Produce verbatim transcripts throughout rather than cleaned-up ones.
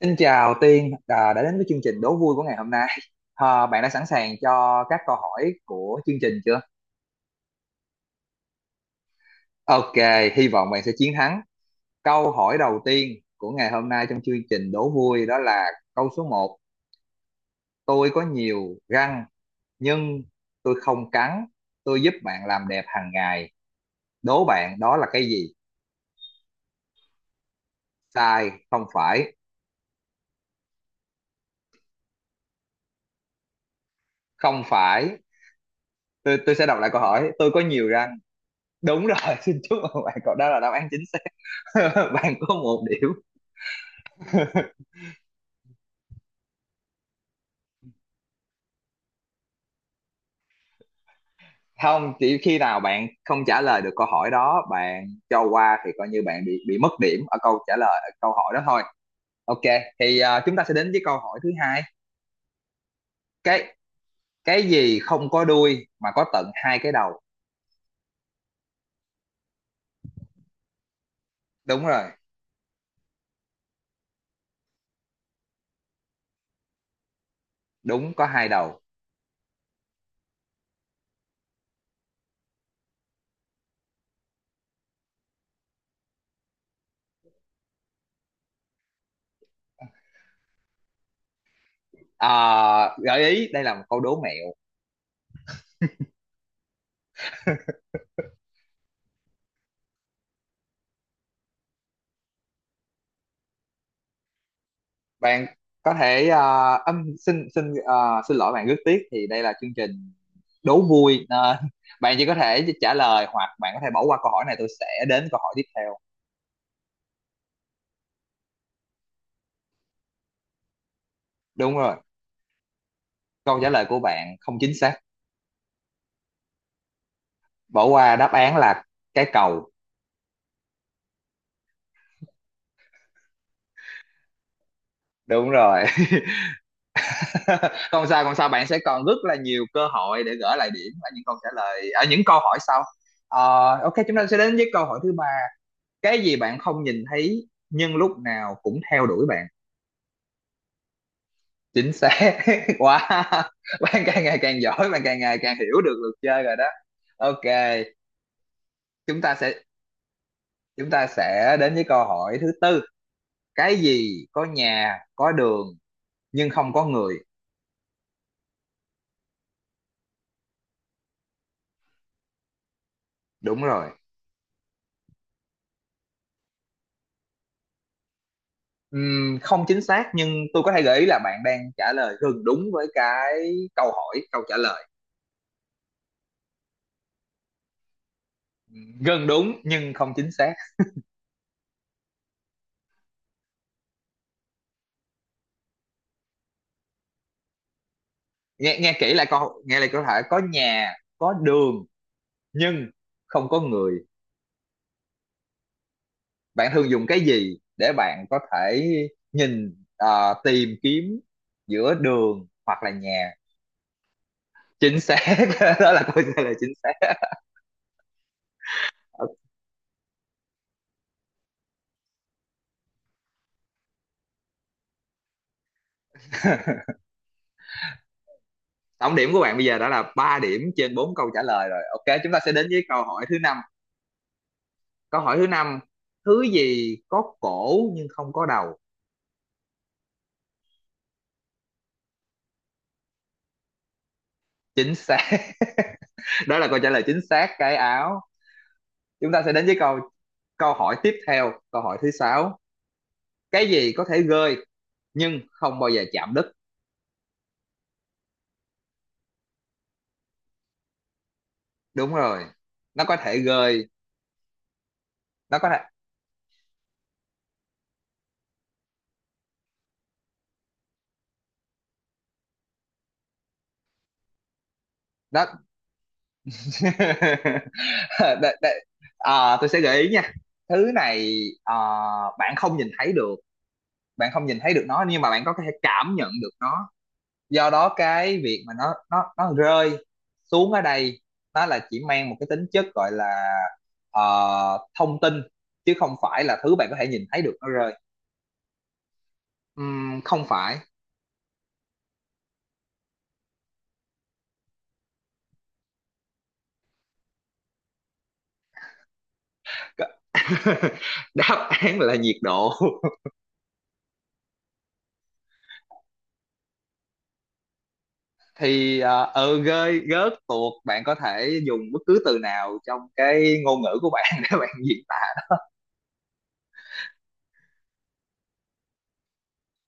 Xin chào Tiên, à, đã đến với chương trình đố vui của ngày hôm nay. À, bạn đã sẵn sàng cho các câu hỏi của chương trình chưa? Ok, hy vọng bạn sẽ chiến thắng. Câu hỏi đầu tiên của ngày hôm nay trong chương trình đố vui đó là câu số một. Tôi có nhiều răng nhưng tôi không cắn. Tôi giúp bạn làm đẹp hàng ngày. Đố bạn đó là cái gì? Sai, không phải. Không phải. Tôi, tôi sẽ đọc lại câu hỏi. Tôi có nhiều răng. Đúng rồi, xin chúc mừng bạn. Cậu đó là đáp án chính xác. Bạn có một điểm. Không, chỉ khi nào bạn không trả lời được câu hỏi đó, bạn cho qua thì coi như bạn bị bị mất điểm ở câu trả lời, ở câu hỏi đó thôi. Ok, thì ờ, chúng ta sẽ đến với câu hỏi thứ hai. Cái cái gì không có đuôi mà có tận hai cái đầu? Đúng rồi. Đúng, có hai đầu. Ờ, Gợi ý đây là một câu đố mẹo. Bạn có thể ờ, âm xin xin, ờ, xin lỗi bạn. Rất tiếc thì đây là chương trình đố vui nên bạn chỉ có thể trả lời hoặc bạn có thể bỏ qua câu hỏi này. Tôi sẽ đến câu hỏi tiếp theo. Đúng rồi, câu trả lời của bạn không chính xác. Bỏ qua. Đáp án là cái cầu. Đúng rồi. Không sao, không sao, bạn sẽ còn rất là nhiều cơ hội để gỡ lại điểm ở những câu trả lời, ở những câu hỏi sau. Ờ, ok, chúng ta sẽ đến với câu hỏi thứ ba. Cái gì bạn không nhìn thấy nhưng lúc nào cũng theo đuổi bạn? Chính xác quá. Bạn càng ngày càng giỏi, bạn càng ngày càng hiểu được luật chơi rồi đó. Ok, chúng ta sẽ chúng ta sẽ đến với câu hỏi thứ tư. Cái gì có nhà, có đường nhưng không có người? Đúng rồi. Ừm, không chính xác, nhưng tôi có thể gợi ý là bạn đang trả lời gần đúng với cái câu hỏi, câu trả lời. Gần đúng nhưng không chính xác. Nghe nghe kỹ lại câu nghe lại câu hỏi. Có nhà, có đường nhưng không có người. Bạn thường dùng cái gì để bạn có thể nhìn, ờ, tìm kiếm giữa đường hoặc là nhà? Chính xác. Đó là câu trả lời chính xác. Ờ, Tổng điểm của bạn bây giờ đã là ba điểm trên bốn câu trả lời rồi. Ok, chúng ta sẽ đến với câu hỏi thứ năm. Câu hỏi thứ năm, thứ gì có cổ nhưng không có đầu? Chính xác. Đó là câu trả lời chính xác, cái áo. Chúng ta sẽ đến với câu câu hỏi tiếp theo, câu hỏi thứ sáu. Cái gì có thể gơi nhưng không bao giờ chạm đất? Đúng rồi. Nó có thể gơi, nó có thể, nó. Đ- đ- À, tôi sẽ gợi ý nha. Thứ này à, bạn không nhìn thấy được, bạn không nhìn thấy được nó nhưng mà bạn có thể cảm nhận được nó. Do đó cái việc mà nó nó nó rơi xuống ở đây, nó là chỉ mang một cái tính chất gọi là ờ, thông tin, chứ không phải là thứ bạn có thể nhìn thấy được nó rơi. Ừm, không phải. Đáp án là nhiệt độ. Thì ờ, ừ, rơi rớt tuột, bạn có thể dùng bất cứ từ nào trong cái ngôn ngữ của bạn để bạn diễn tả.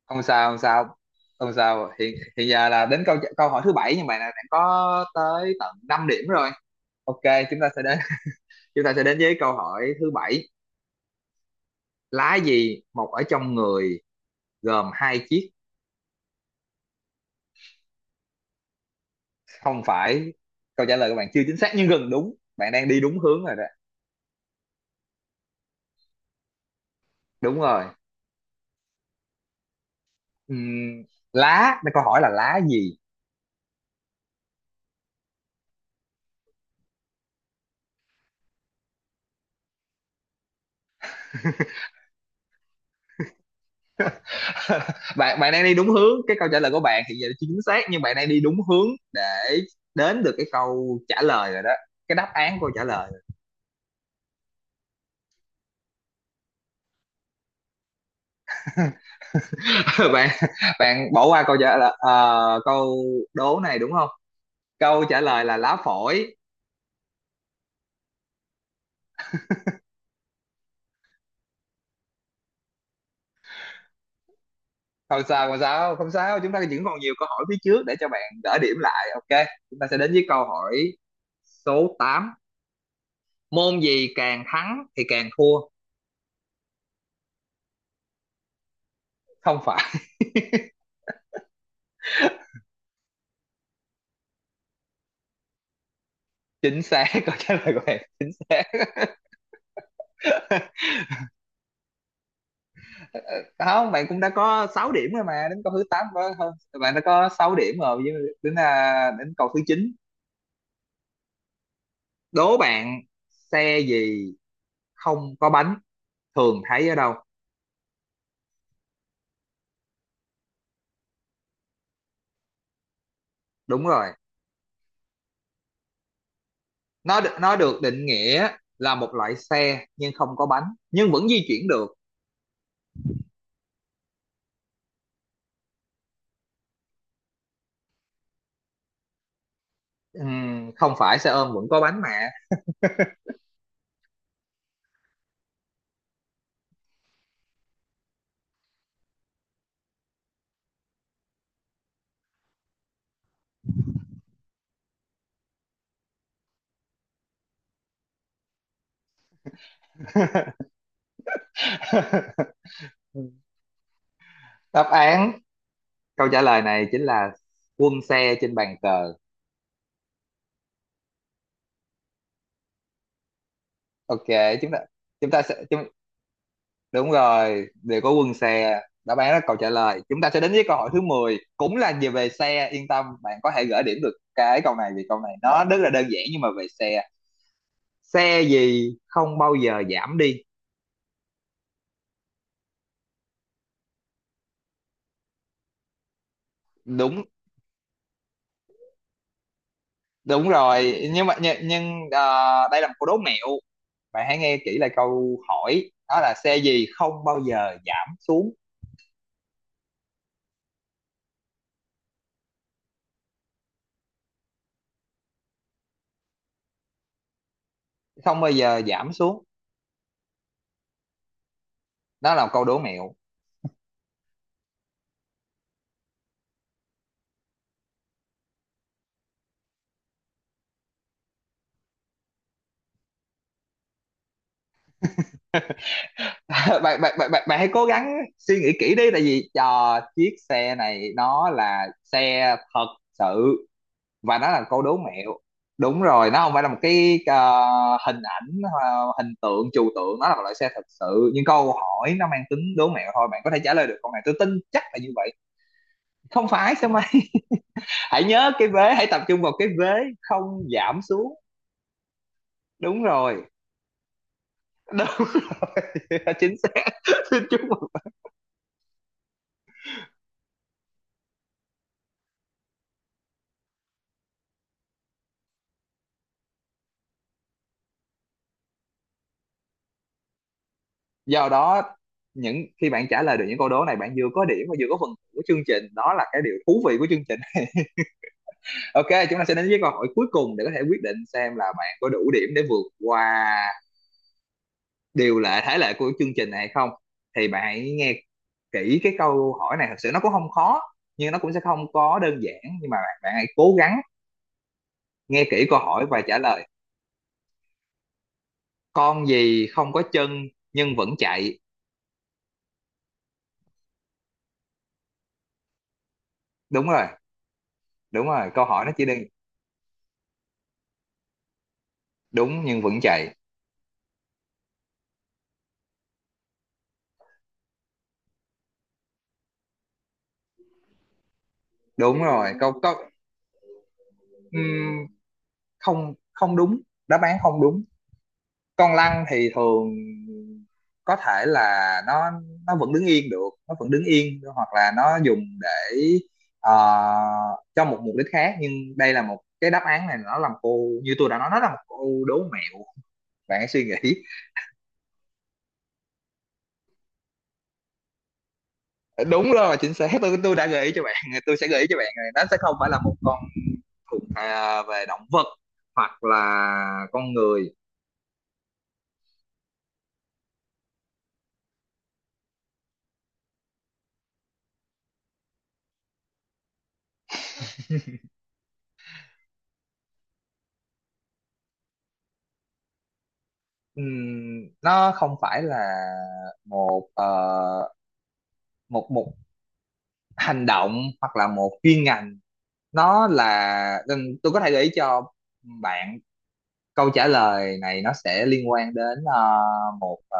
Không sao, không sao, không sao. Hiện hiện giờ là đến câu câu hỏi thứ bảy, nhưng mà là bạn đã có tới tận năm điểm rồi. Ok, chúng ta sẽ đến chúng ta sẽ đến với câu hỏi thứ bảy. Lá gì mọc ở trong người, gồm hai chiếc? Không phải, câu trả lời của bạn chưa chính xác nhưng gần đúng, bạn đang đi đúng hướng rồi đó. Đúng rồi. Ừm, lá, câu hỏi là lá gì. bạn bạn đang đi đúng hướng, cái câu trả lời của bạn hiện giờ chưa chính xác nhưng bạn đang đi đúng hướng để đến được cái câu trả lời rồi đó, cái đáp án câu trả lời rồi. bạn bạn bỏ qua câu trả lời, ờ, câu đố này đúng không? Câu trả lời là lá phổi. Không sao, không sao, không sao. Chúng ta vẫn còn nhiều câu hỏi phía trước để cho bạn gỡ điểm lại. Ok, chúng ta sẽ đến với câu hỏi số tám. Môn gì càng thắng thì càng thua? Không phải. Chính xác, câu trả lời của bạn chính xác. Không, bạn cũng đã có sáu điểm rồi mà đến câu thứ tám có hơn. Bạn đã có sáu điểm rồi, với đến à, đến câu thứ chín. Đố bạn, xe gì không có bánh, thường thấy ở đâu? Đúng rồi. Nó đ- nó được định nghĩa là một loại xe nhưng không có bánh, nhưng vẫn di chuyển được. Ừm, không phải, xe ôm vẫn có bánh mà. Đáp án câu trả lời này chính là quân xe trên bàn cờ. Ok, chúng ta chúng ta sẽ chúng, đúng rồi, đều có quân xe, đáp án là câu trả lời. Chúng ta sẽ đến với câu hỏi thứ mười, cũng là về về xe. Yên tâm, bạn có thể gỡ điểm được cái câu này vì câu này nó rất là đơn giản, nhưng mà về xe. Xe gì không bao giờ giảm đi? Đúng đúng rồi, nhưng mà nhưng, nhưng ờ, đây là một câu đố mẹo. Bạn hãy nghe kỹ lại câu hỏi, đó là xe gì không bao giờ giảm xuống? Không bao giờ giảm xuống. Đó là một câu đố mẹo. bạn bạn bạn bạn bạn hãy cố gắng suy nghĩ kỹ đi, tại vì cho chiếc xe này nó là xe thật sự, và nó là câu đố mẹo. Đúng rồi, nó không phải là một cái ờ, hình ảnh, ờ, hình tượng trừu tượng. Nó là một loại xe thật sự nhưng câu hỏi nó mang tính đố mẹo thôi. Bạn có thể trả lời được câu này, tôi tin chắc là như vậy. Không phải sao mai. Hãy nhớ cái vế, hãy tập trung vào cái vế không giảm xuống. Đúng rồi. Đúng. Chính xác, xin chúc mừng. Do đó, những khi bạn trả lời được những câu đố này, bạn vừa có điểm và vừa có phần của chương trình, đó là cái điều thú vị của chương trình. Ok, chúng ta sẽ đến với câu hỏi cuối cùng để có thể quyết định xem là bạn có đủ điểm để vượt qua điều lệ, thể lệ của chương trình này hay không. Thì bạn hãy nghe kỹ cái câu hỏi này, thật sự nó cũng không khó nhưng nó cũng sẽ không có đơn giản, nhưng mà bạn, bạn hãy cố gắng nghe kỹ câu hỏi và trả lời. Con gì không có chân nhưng vẫn chạy? Đúng rồi. Đúng rồi, câu hỏi nó chỉ đơn. Đúng, nhưng vẫn chạy. Đúng rồi, câu câu. Ừm, không không đúng, đáp án không đúng. Con lăn thì thường có thể là nó nó vẫn đứng yên được, nó vẫn đứng yên, hoặc là nó dùng để ờ, cho một mục đích khác. Nhưng đây là một cái đáp án, này nó làm cô như tôi đã nói, nó là một cô đố mẹo. Bạn hãy suy nghĩ. Đúng rồi, chính xác. Tôi tôi đã gợi ý cho bạn. Tôi sẽ gợi ý cho bạn này, nó sẽ không phải là một con khủng à, về động vật hoặc là con người. Ừm, nó không phải là một ờ, một một hành động hoặc là một chuyên ngành. Nó là ừm, tôi có thể gợi ý cho bạn câu trả lời này, nó sẽ liên quan đến ờ, một ờ,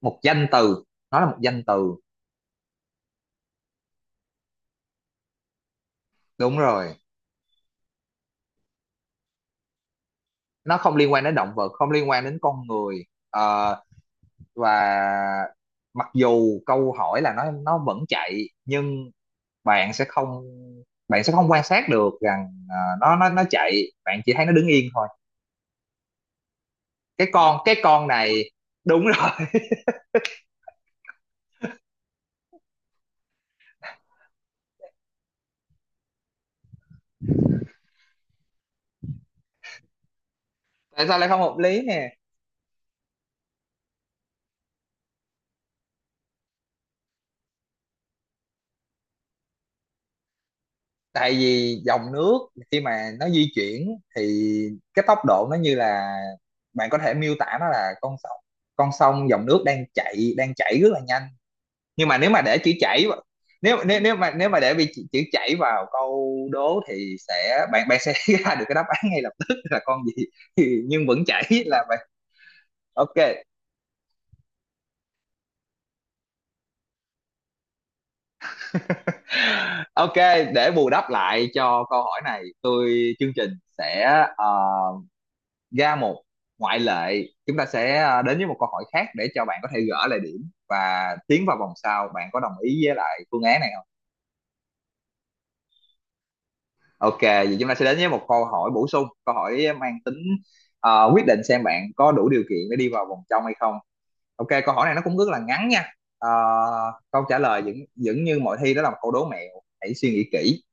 một danh từ, nó là một danh từ. Đúng rồi, nó không liên quan đến động vật, không liên quan đến con người. Ờ, và mặc dù câu hỏi là nó nó vẫn chạy nhưng bạn sẽ không bạn sẽ không quan sát được rằng ờ, nó nó nó chạy, bạn chỉ thấy nó đứng yên thôi, cái con cái con này. Đúng rồi. Tại sao lại không hợp lý nè? Tại vì dòng nước khi mà nó di chuyển thì cái tốc độ nó như là bạn có thể miêu tả nó là con sông, con sông dòng nước đang chạy đang chảy rất là nhanh. Nhưng mà nếu mà để chữ chảy vào- nếu nếu nếu mà nếu mà để bị chữ, chữ chảy vào câu đố thì sẽ bạn bạn sẽ ra được cái đáp án ngay lập tức là con gì. Nhưng vẫn chảy là bạn. Ok, ok, để bù đắp lại cho câu hỏi này, tôi chương trình sẽ ờ, ra một ngoại lệ. Chúng ta sẽ ờ, đến với một câu hỏi khác để cho bạn có thể gỡ lại điểm và tiến vào vòng sau, bạn có đồng ý với lại phương án này không? Ok, vậy chúng ta sẽ đến với một câu hỏi bổ sung, câu hỏi mang tính ờ, quyết định xem bạn có đủ điều kiện để đi vào vòng trong hay không. Ok, câu hỏi này nó cũng rất là ngắn nha. Ờ, Câu trả lời vẫn vẫn như mọi thi, đó là một câu đố mẹo. Hãy suy nghĩ kỹ.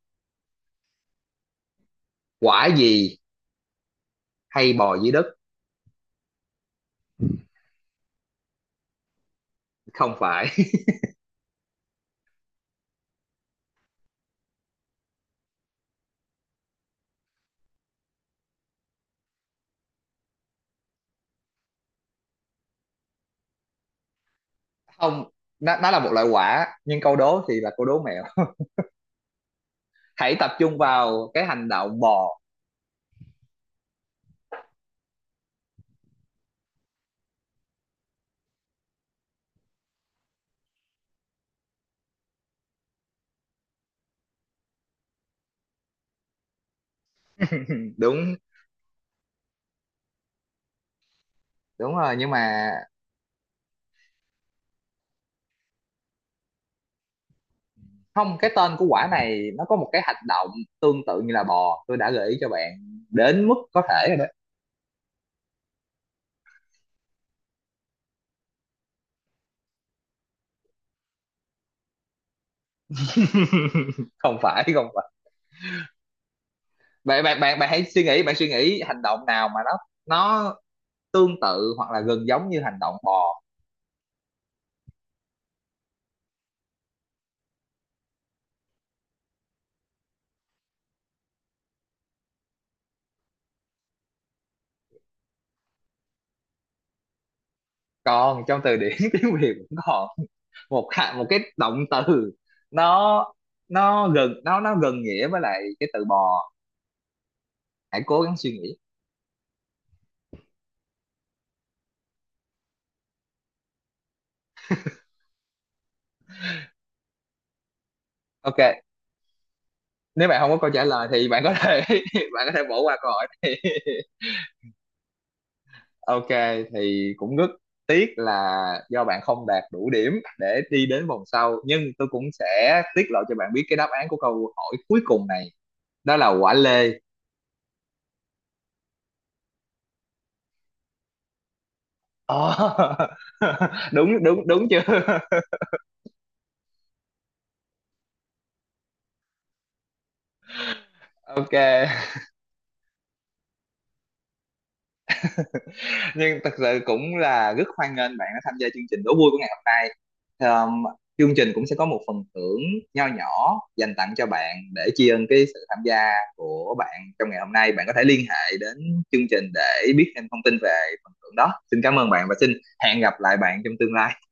Quả gì hay bò dưới đất? Không phải. Không, nó, nó là một loại quả, nhưng câu đố thì là câu đố mẹo. Hãy tập trung vào cái hành động bò. Đúng, đúng rồi, nhưng mà không, cái tên của quả này nó có một cái hành động tương tự như là bò. Tôi đã gợi ý cho bạn đến mức có thể rồi đó. Không phải, không phải. Bạn bạn bạn bạn hãy suy nghĩ, bạn suy nghĩ hành động nào mà nó nó tương tự hoặc là gần giống như hành động bò. Còn trong từ điển tiếng Việt vẫn còn một hạ- một cái động từ, nó nó gần nó nó gần nghĩa với lại cái từ bò. Hãy cố gắng suy nghĩ. Ok, nếu bạn không có câu trả lời thì bạn có thể bạn có thể bỏ qua câu hỏi này. Ok, thì cũng rất tiếc là do bạn không đạt đủ điểm để đi đến vòng sau, nhưng tôi cũng sẽ tiết lộ cho bạn biết cái đáp án của câu hỏi cuối cùng này, đó là quả lê. Ờ. Đúng, đúng, đúng chưa? Ok. Nhưng thật sự cũng là rất hoan nghênh bạn đã tham gia chương trình đố vui của ngày hôm nay. um, Chương trình cũng sẽ có một phần thưởng nho nhỏ dành tặng cho bạn để tri ân cái sự tham gia của bạn trong ngày hôm nay. Bạn có thể liên hệ đến chương trình để biết thêm thông tin về phần thưởng đó. Xin cảm ơn bạn và xin hẹn gặp lại bạn trong tương lai.